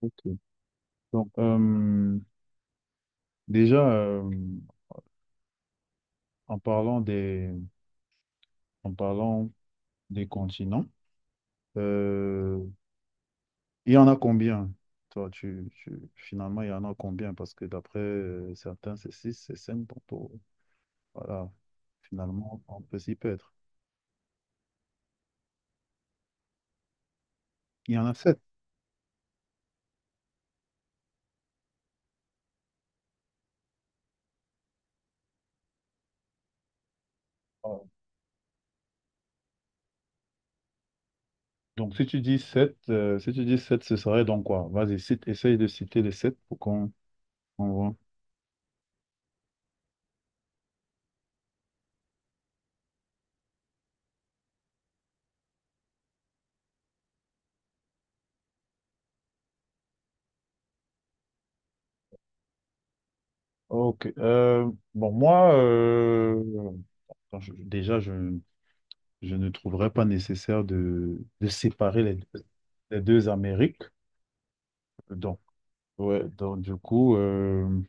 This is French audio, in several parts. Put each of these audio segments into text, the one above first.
Ok. Donc, déjà, en parlant des, en parlant des continents, euh, il y en a combien? Toi, finalement, il y en a combien? Parce que d'après certains, c'est six, c'est cinq. Donc, oh, voilà, finalement, on peut s'y perdre. Il y en a 7. Donc, si tu dis 7, si tu dis sept, ce serait donc quoi? Vas-y, cite, essaye de citer les 7 pour qu'on on voit. Ok. Bon, moi, attends, déjà, je ne trouverais pas nécessaire de séparer les deux Amériques. Donc, ouais, donc du coup,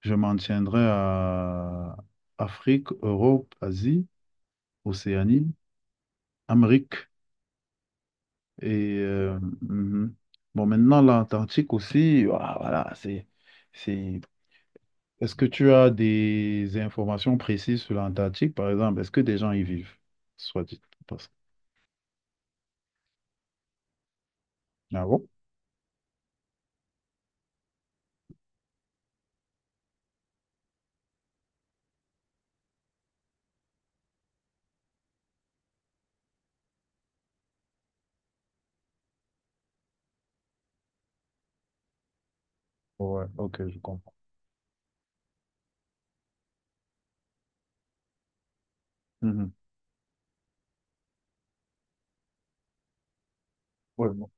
je m'en tiendrai à Afrique, Europe, Asie, Océanie, Amérique. Et mhm. Bon, maintenant, l'Antarctique aussi, voilà, voilà, c'est... Est-ce que tu as des informations précises sur l'Antarctique, par exemple? Est-ce que des gens y vivent, soit dit? Ah bon? Ouais, ok, je comprends. Mhm. Ouais, bon.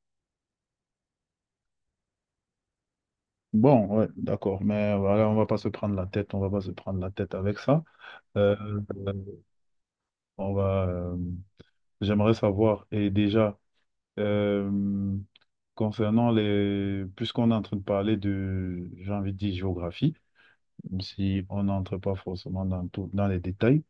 Bon, ouais, d'accord. Mais voilà, on va pas se prendre la tête, on va pas se prendre la tête avec ça. Euh, euh, on va, euh, J'aimerais savoir, et déjà, euh, puisqu'on est en train de parler de, j'ai envie de dire géographie, si on n'entre pas forcément dans tout, dans les détails.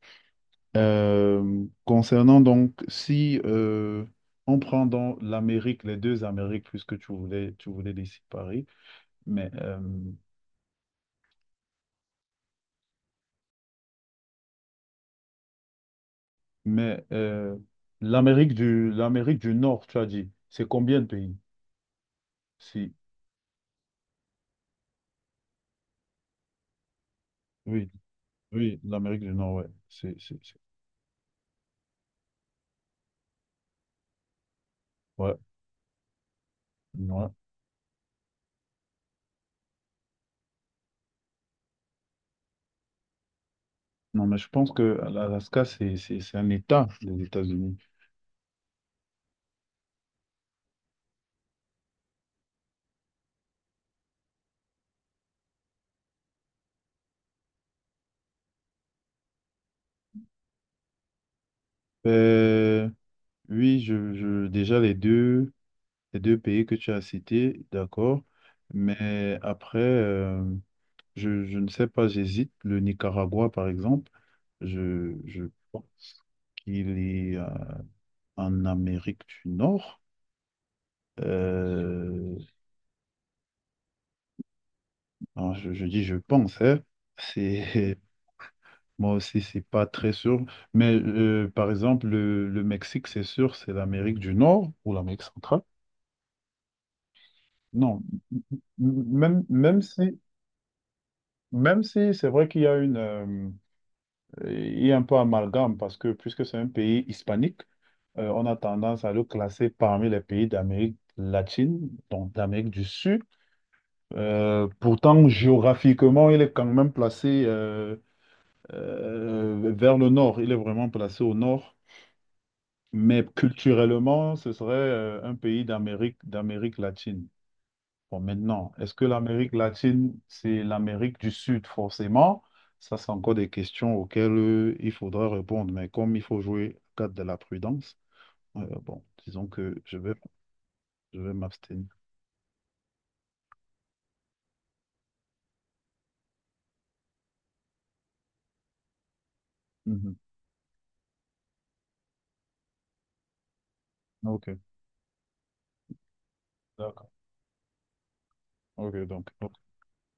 Concernant donc, si on prend dans l'Amérique, les deux Amériques, puisque tu voulais les séparer, mais, mais euh, l'Amérique du Nord, tu as dit, c'est combien de pays? Si, oui, oui, l'Amérique du Nord, ouais. Ouais, ouais. Non, mais je pense que l'Alaska, c'est un État des États-Unis. Euh, oui, déjà les deux pays que tu as cités, d'accord. Mais après, je ne sais pas, j'hésite. Le Nicaragua, par exemple, je pense qu'il est en Amérique du Nord. Euh, alors, je dis je pense, hein. C'est, moi aussi, c'est pas très sûr. Mais par exemple, le Mexique, c'est sûr, c'est l'Amérique du Nord ou l'Amérique centrale. Non, m- m- même, même si, même si c'est vrai qu'il y a un peu amalgame parce que puisque c'est un pays hispanique, on a tendance à le classer parmi les pays d'Amérique latine, donc d'Amérique du Sud. Pourtant, géographiquement, il est quand même placé vers le nord. Il est vraiment placé au nord. Mais culturellement, ce serait un pays d'Amérique latine. Bon, maintenant, est-ce que l'Amérique latine, c'est l'Amérique du Sud forcément? Ça, c'est encore des questions auxquelles il faudra répondre. Mais comme il faut jouer au cadre de la prudence, bon, disons que je vais m'abstenir. Mhm. Ok, d'accord. Ok, donc,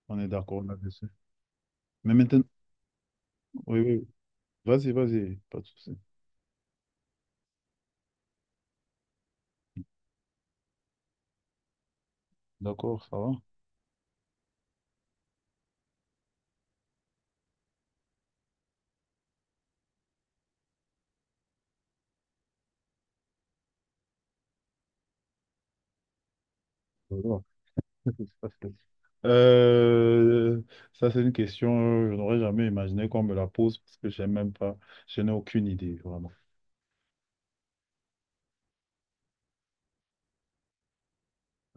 on est d'accord là-dessus. Mais maintenant, oui, oui, oui. Vas-y, vas-y, pas de souci. D'accord, ça va? Ça va. Ça, c'est- Euh, ça, c'est une question, je n'aurais jamais imaginé qu'on me la pose parce que j'ai même pas, je n'ai aucune idée, vraiment.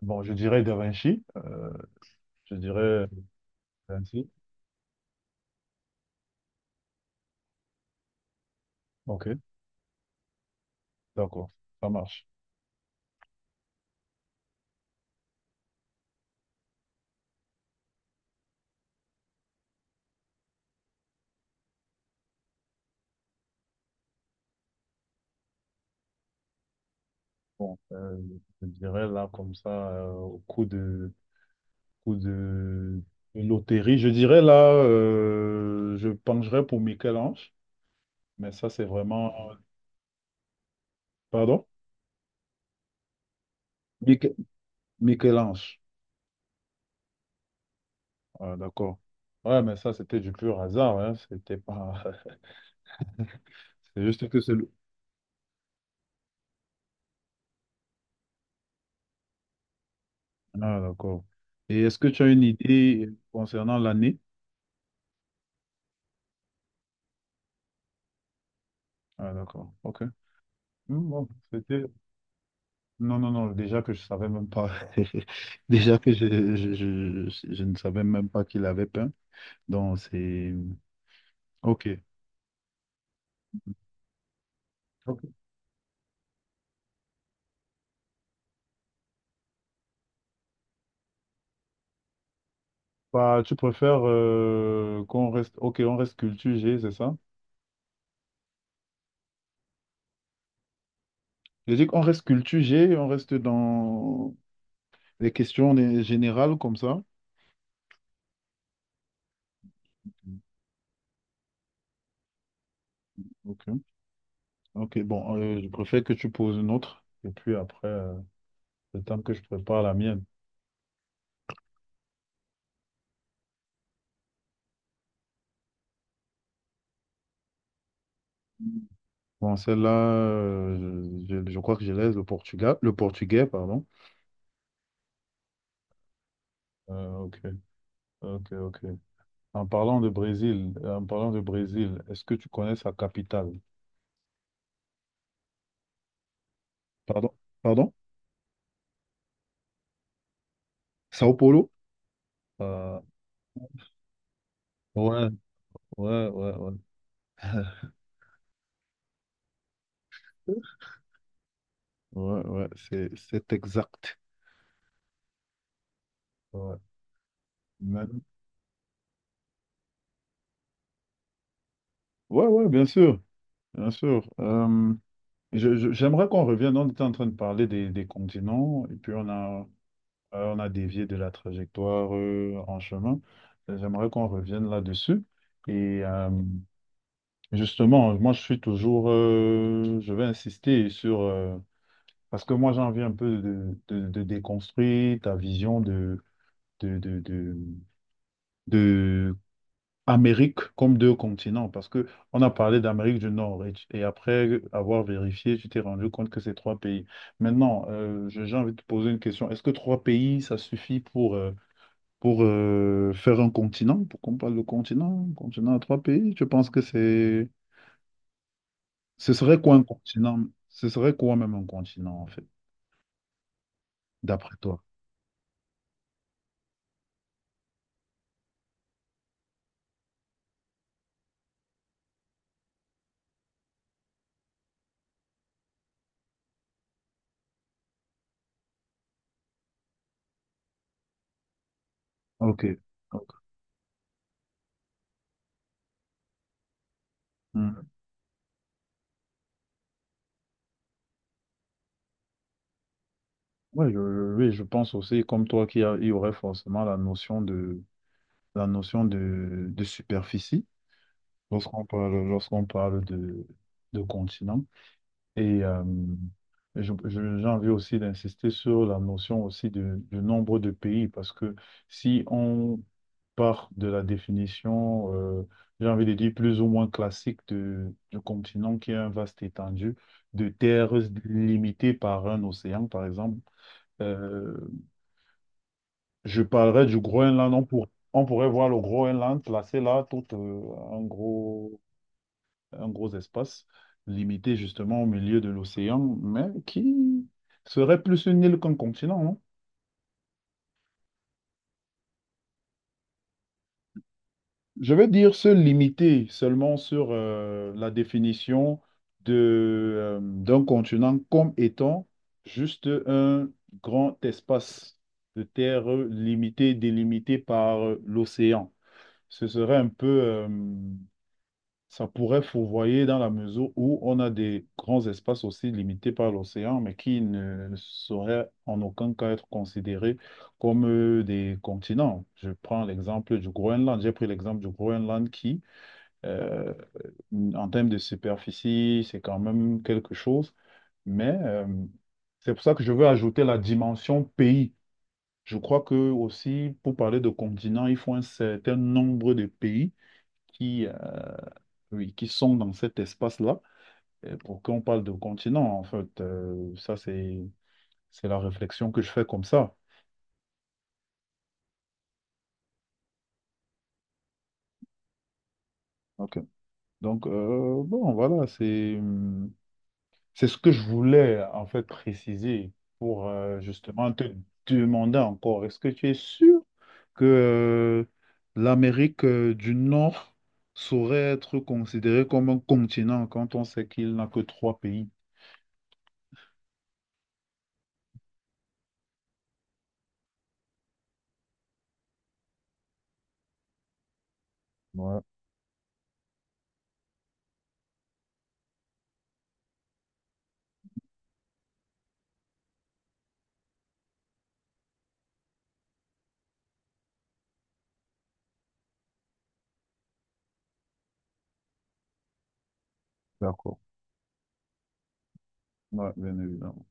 Bon, je dirais Da Vinci. Je dirais Da Vinci. Ok, d'accord, ça marche. Bon, je dirais là comme ça, au coup de loterie, je dirais là, je pencherais pour Michel-Ange, mais ça c'est vraiment... Pardon? Mich- Michel-Ange. Ah, d'accord. Ouais, mais ça c'était du pur hasard, hein. C'était pas... C'est juste que c'est le... Ah, d'accord. Et est-ce que tu as une idée concernant l'année? Ah, d'accord, ok. Hmm, bon, c'était... Non, non, non, déjà que je savais même pas. Déjà que je ne savais même pas qu'il avait peint. Donc, c'est... OK. Ok. Bah, tu préfères qu'on reste... OK, on reste culture G, c'est ça? J'ai dit qu'on reste culture G, on reste dans les questions générales comme ça. OK. OK, bon, je préfère que tu poses une autre. Et puis après, le temps que je prépare la mienne. Bon, celle-là, je crois que je laisse le Portugal, le portugais, pardon. Ok. Ok, ok. En parlant de Brésil, en parlant de Brésil, est-ce que tu connais sa capitale? Pardon? Pardon? Sao Paulo? Euh, ouais, ouais, ouais, ouais. Ouais, ouais, c'est exact. Ouais, Mais- ouais, ouais, bien sûr, bien sûr. J'aimerais qu'on revienne. On était en train de parler des continents et puis on a dévié de la trajectoire en chemin. J'aimerais qu'on revienne là-dessus. Et justement, moi je suis toujours, je vais insister sur, parce que moi j'ai envie un peu de déconstruire ta vision de, de, de, de Amérique comme deux continents, parce que on a parlé d'Amérique du Nord et, et après avoir vérifié, tu t'es rendu compte que c'est trois pays. Maintenant, j'ai envie de te poser une question. Est-ce que trois pays, ça suffit pour faire un continent, pour qu'on parle de continent, continent à trois pays? Je pense que c'est... Ce serait quoi un continent? Ce serait quoi même un continent, en fait, d'après toi? Ok. Ok. Hmm. Ouais, oui, je pense aussi, comme toi, qu'il y aurait forcément la notion de superficie lorsqu'on parle de continent. Et j'ai envie aussi d'insister sur la notion aussi du nombre de pays, parce que si on part de la définition, j'ai envie de dire plus ou moins classique du continent, qui est un vaste étendu de terres limitées par un océan, par exemple, euh, je parlerai du Groenland. On pourrait voir le Groenland placé là, tout en gros un gros espace limité justement au milieu de l'océan, mais qui serait plus une île qu'un continent, hein. Je veux dire se limiter seulement sur la définition de, d'un continent comme étant juste un grand espace de terre limité, délimité par l'océan. Ce serait un peu... Ça pourrait fourvoyer dans la mesure où on a des grands espaces aussi limités par l'océan, mais qui ne sauraient en aucun cas être considérés comme des continents. Je prends l'exemple du Groenland. J'ai pris l'exemple du Groenland qui, euh, en termes de superficie, c'est quand même quelque chose, mais c'est pour ça que je veux ajouter la dimension pays. Je crois que aussi, pour parler de continent, il faut un certain nombre de pays qui, oui, qui sont dans cet espace-là. Pour qu'on parle de continent, en fait, ça, c'est la réflexion que je fais comme ça. OK. Donc, bon, voilà, c'est ce que je voulais, en fait, préciser pour justement te demander encore, est-ce que tu es sûr que l'Amérique du Nord saurait être considérée comme un continent quand on sait qu'il n'a que trois pays? Ouais, d'accord. Ouais, bien évidemment.